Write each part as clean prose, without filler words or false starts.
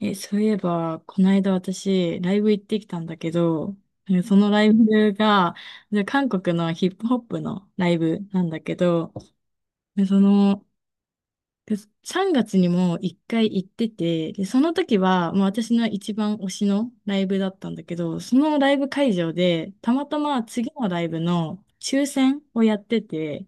え、そういえば、この間私、ライブ行ってきたんだけど、なんかそのライブが、で韓国のヒップホップのライブなんだけど、でその、で3月にも一回行ってて、で、その時は、もう私の一番推しのライブだったんだけど、そのライブ会場で、たまたま次のライブの抽選をやってて、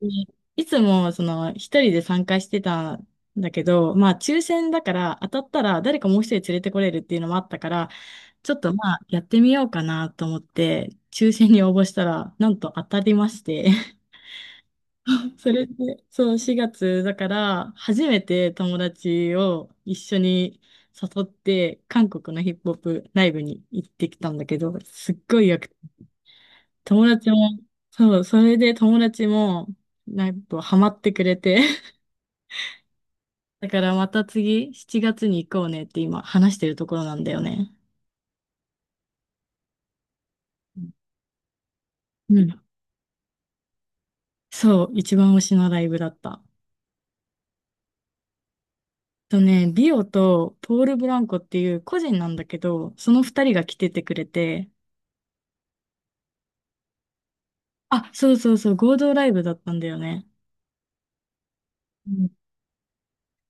にいつも一人で参加してたんだけど、まあ抽選だから当たったら誰かもう一人連れてこれるっていうのもあったから、ちょっとまあやってみようかなと思って、抽選に応募したら、なんと当たりまして。それで、そう、4月だから、初めて友達を一緒に誘って、韓国のヒップホップライブに行ってきたんだけど、すっごいよくて、友達も、そう、それで友達も、なんかハマってくれて、だからまた次、7月に行こうねって今話してるところなんだよね。うん。そう、一番推しのライブだった。ビオとポール・ブランコっていう個人なんだけど、その二人が来ててくれて、あ、合同ライブだったんだよね。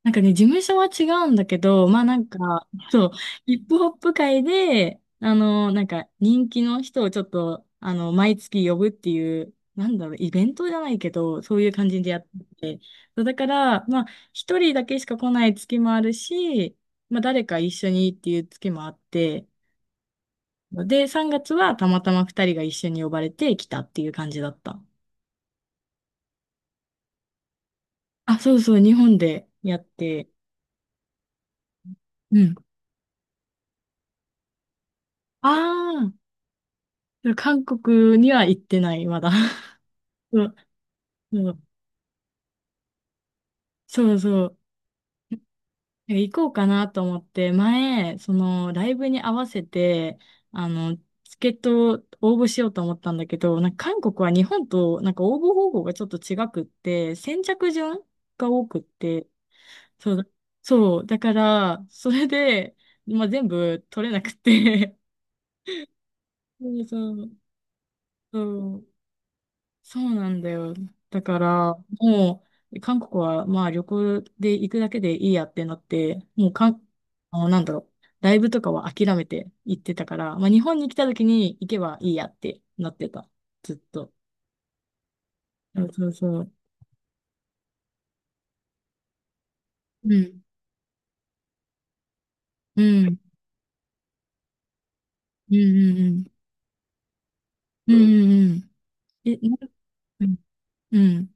なんかね、事務所は違うんだけど、ヒップホップ界で、なんか人気の人をちょっと、毎月呼ぶっていう、イベントじゃないけど、そういう感じでやってて。そうだから、まあ、一人だけしか来ない月もあるし、まあ、誰か一緒にっていう月もあって、で、3月はたまたま二人が一緒に呼ばれて来たっていう感じだった。あ、日本でやって。うん。ああ。韓国には行ってない、まだ。そうそう、そうそう。なんか行こうかなと思って、前、その、ライブに合わせて、あの、チケットを応募しようと思ったんだけど、韓国は日本と、なんか応募方法がちょっと違くって、先着順が多くって、そう、そう、だから、それで、まあ、全部取れなくて、そうそう、そうそう。なんだよ。だから、もう、韓国は、まあ、旅行で行くだけでいいやってなって、もう、かん、あの、なんだろう、ライブとかは諦めて行ってたから、まあ、日本に来た時に行けばいいやってなってた。ずっと。そうそうそう。うん。うん。うんうんうん。うんうんうん。え、なん、うん。うん、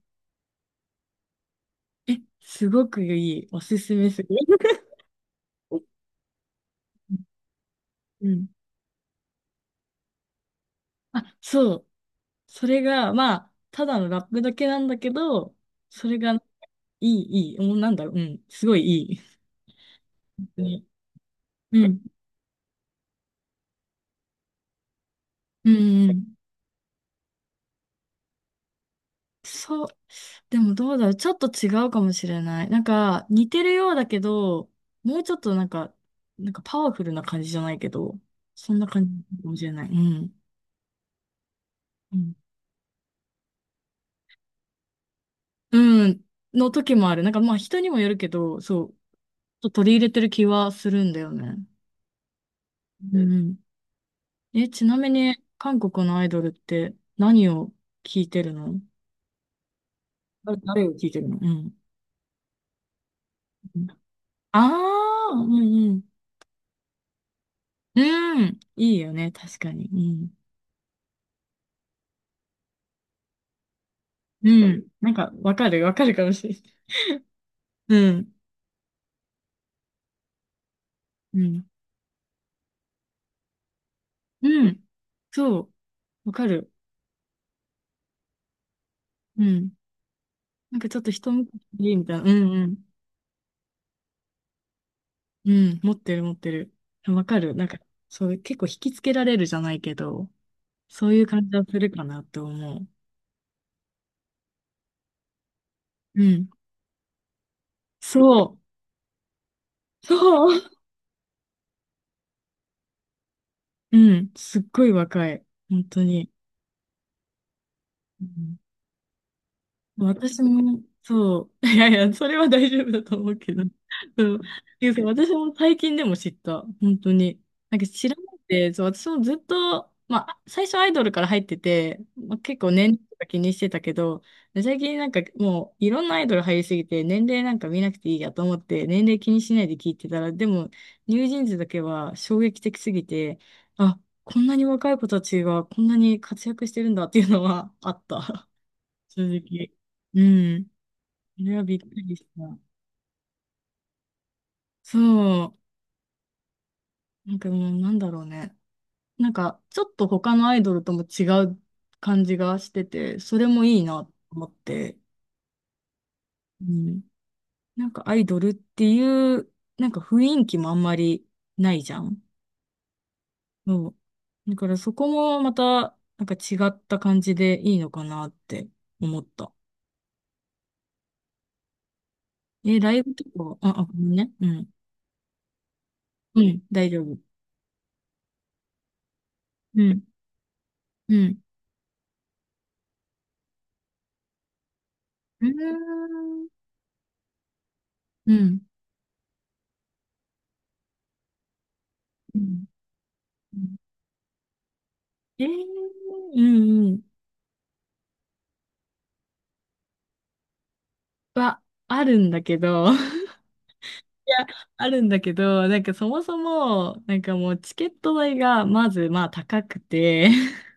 え、すごくいい。おすすめする。うん。あ、そう。それが、まあ、ただのラップだけなんだけど、それがねいい、いい。もうなんだろう。うん。すごいいい。本当に、うん。うん。うん、そう。でもどうだろう。ちょっと違うかもしれない。なんか、似てるようだけど、もうちょっとなんか、なんかパワフルな感じじゃないけど、そんな感じかもしれない。うん。うん。うんの時もある。なんかまあ人にもよるけど、そう。ちょっと取り入れてる気はするんだよね。うん。え、ちなみに、韓国のアイドルって何を聞いてるの、誰誰を聞いてるの、うん。ああ、ー、うんうん。うん、いいよね、確かに。うん。うん。なんか、わかるかもしれない。うん。うん。うん。そう。わかる。うん。なんかちょっと一昔いいみたいな。うんうん。うん。持ってる、持ってる。わかる。なんか、そういう、結構引きつけられるじゃないけど、そういう感じはするかなって思う。うん。そう。そう。うん、すっごい若い。本当に。うん、私も、そう。いやいや、それは大丈夫だと思うけど。そう。私も最近でも知った。本当に。なんか知らなくて、そう、私もずっと、まあ、最初アイドルから入ってて、まあ、結構年齢とか気にしてたけど、最近なんかもういろんなアイドル入りすぎて、年齢なんか見なくていいやと思って、年齢気にしないで聞いてたら、でも、ニュージーンズだけは衝撃的すぎて、あ、こんなに若い子たちがこんなに活躍してるんだっていうのはあった。続き。うん。それはびっくりした。そう。なんかもうなんだろうね。なんかちょっと他のアイドルとも違う感じがしてて、それもいいなと思って。うん。なんかアイドルっていう、なんか雰囲気もあんまりないじゃん。そう。だからそこもまた、なんか違った感じでいいのかなって思った。え、ライブとか、ごめんね。うん。うん、大丈夫。うん。うん。うーん。うん。うん、えー、うんうん。は、あるんだけど、いや、あるんだけど、なんかそもそも、なんかもうチケット代がまずまあ高くて、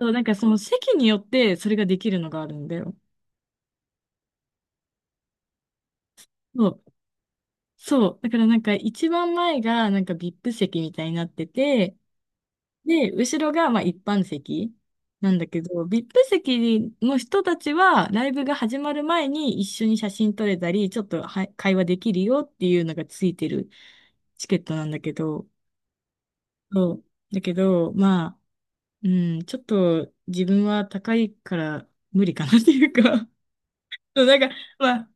そう、なんかその席によってそれができるのがあるんだよ。そう。そう。だからなんか一番前がなんか VIP 席みたいになってて、で、後ろがまあ一般席なんだけど、VIP 席の人たちはライブが始まる前に一緒に写真撮れたり、ちょっとは会話できるよっていうのがついてるチケットなんだけど、そう。だけど、まあ、うん、ちょっと自分は高いから無理かなっていうか。 そうなんか、まあ、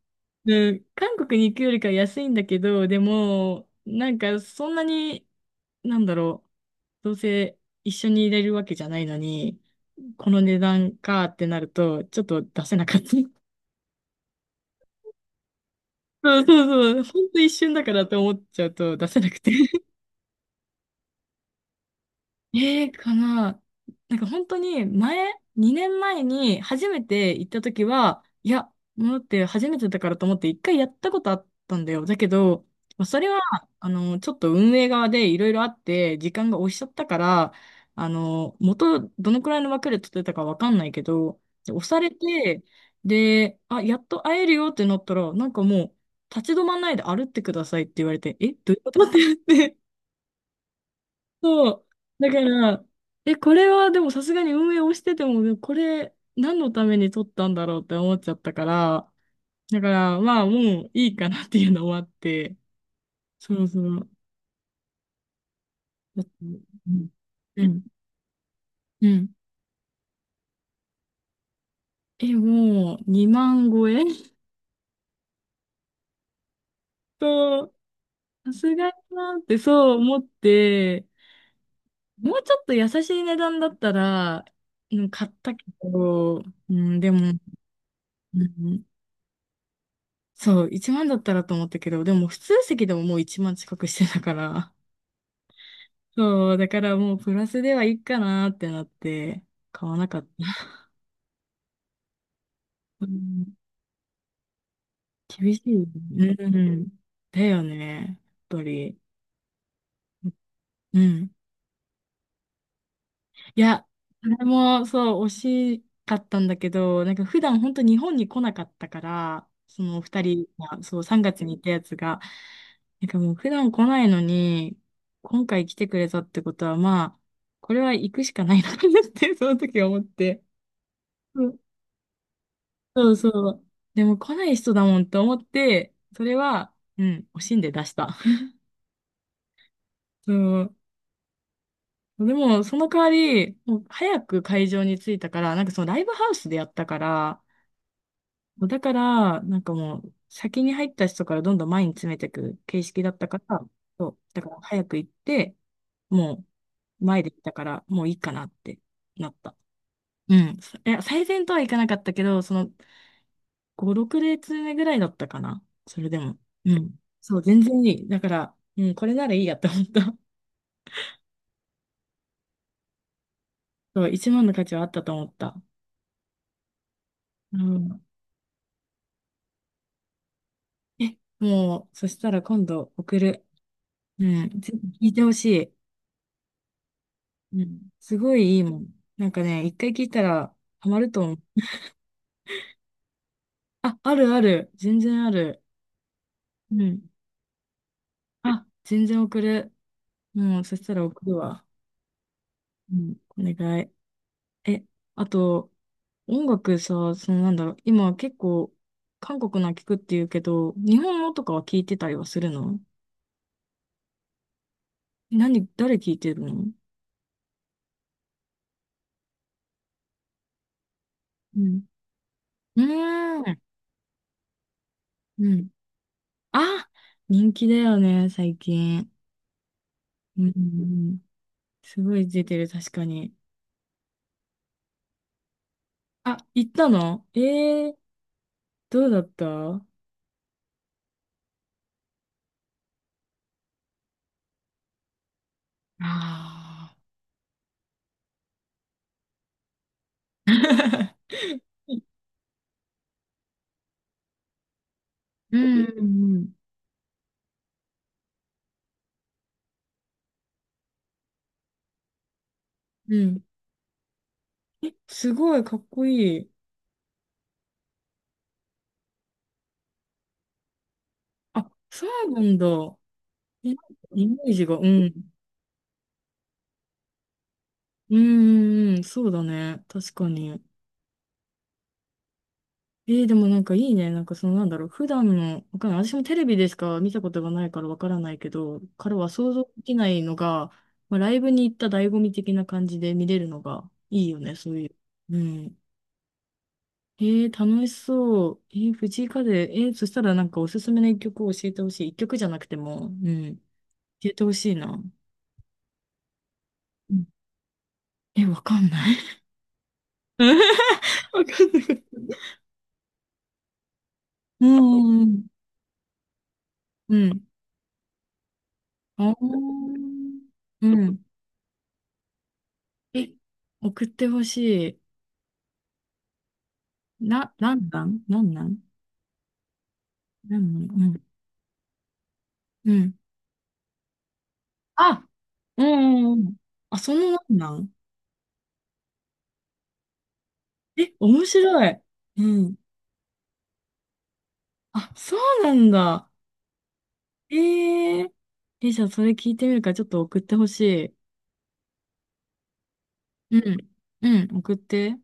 うん、韓国に行くよりかは安いんだけど、でも、なんかそんなに、なんだろう、どうせ一緒にいれるわけじゃないのに、この値段かってなると、ちょっと出せなかった。そうそうそう。ほんと一瞬だからと思っちゃうと出せなくて。えー、かな。なんか本当に前、2年前に初めて行った時は、いや、もうだって初めてだからと思って一回やったことあったんだよ。だけど、まあそれは、ちょっと運営側でいろいろあって、時間が押しちゃったから、どのくらいの枠で取ってたかわかんないけど、で押されて、で、あ、やっと会えるよってなったら、なんかもう、立ち止まんないで歩ってくださいって言われて、え、どういうことって言って、そう。だから、え、これはでもさすがに運営をしてても、これ何のために撮ったんだろうって思っちゃったから、だからまあもういいかなっていうのもあって、そうそう。だって、うん。うん。うん、え、もう2万超え。 と、さすがだなってそう思って、もうちょっと優しい値段だったら、うん、買ったけど、うん、でも、うん、そう、1万だったらと思ったけど、でも普通席でももう1万近くしてたから、そう、だからもうプラスではいいかなってなって、買わなかった。うん、厳しいよね。うん。だよね、やっぱり。うん。いや、それもそう、惜しかったんだけど、なんか普段本当日本に来なかったから、そのお二人が、そう、3月に行ったやつが、なんかもう普段来ないのに、今回来てくれたってことは、まあ、これは行くしかないのかなって、その時思って。うん、そうそう。でも来ない人だもんと思って、それは、うん、惜しんで出した。そう。でも、その代わり、もう早く会場に着いたから、なんかそのライブハウスでやったから、もうだから、なんかもう、先に入った人からどんどん前に詰めていく形式だったから、そう、だから早く行って、もう、前で行ったから、もういいかなってなった。うん。そいや、最善とはいかなかったけど、その、5、6列目ぐらいだったかな。それでも。うん。そう、全然いい。だから、うん、これならいいやって思った。そう、一万の価値はあったと思った。うん。え、もう、そしたら今度送る。うん。ぜひ聞いてほしい。うん。すごいいいもん。なんかね、一回聞いたらハマると思う。あ、あるある。全然ある。うん。あ、全然送る。もう、そしたら送るわ。うん。お願い。え、あと、音楽さ、そのなんだろう、今結構、韓国の聞くって言うけど、日本のとかは聞いてたりはするの？何、誰聞いてるの？うん。うーん。うん。あ、人気だよね、最近。うんうんうん。すごい出てる、確かに。あ、行ったの？どうだったあ？あー、うんうんうん。うん。え、すごいかっこいい。あ、そうなんだ。え、イメージが、うん。うん、うんうん、そうだね。確かに。でもなんかいいね。なんかそのなんだろう。普段の、わかんない。私もテレビでしか見たことがないからわからないけど、からは想像できないのが、まあ、ライブに行った醍醐味的な感じで見れるのがいいよね。そういう。うん。ええ楽しそう。ええ藤井風。ええそしたらなんかおすすめの一曲を教えてほしい。一曲じゃなくても、うん、教えてほしいな。うん。え、わかんない。わかんない。うんうんうん。うん。あーうん。え、送ってほしい。なんなんなんなんなんなん？うん。うん。あ、うんうんうん。あ、そのなんなん。え、面白い。うん。あ、そうなんだ。えええ、じゃあそれ聞いてみるからちょっと送ってほしい。うん。うん、送って。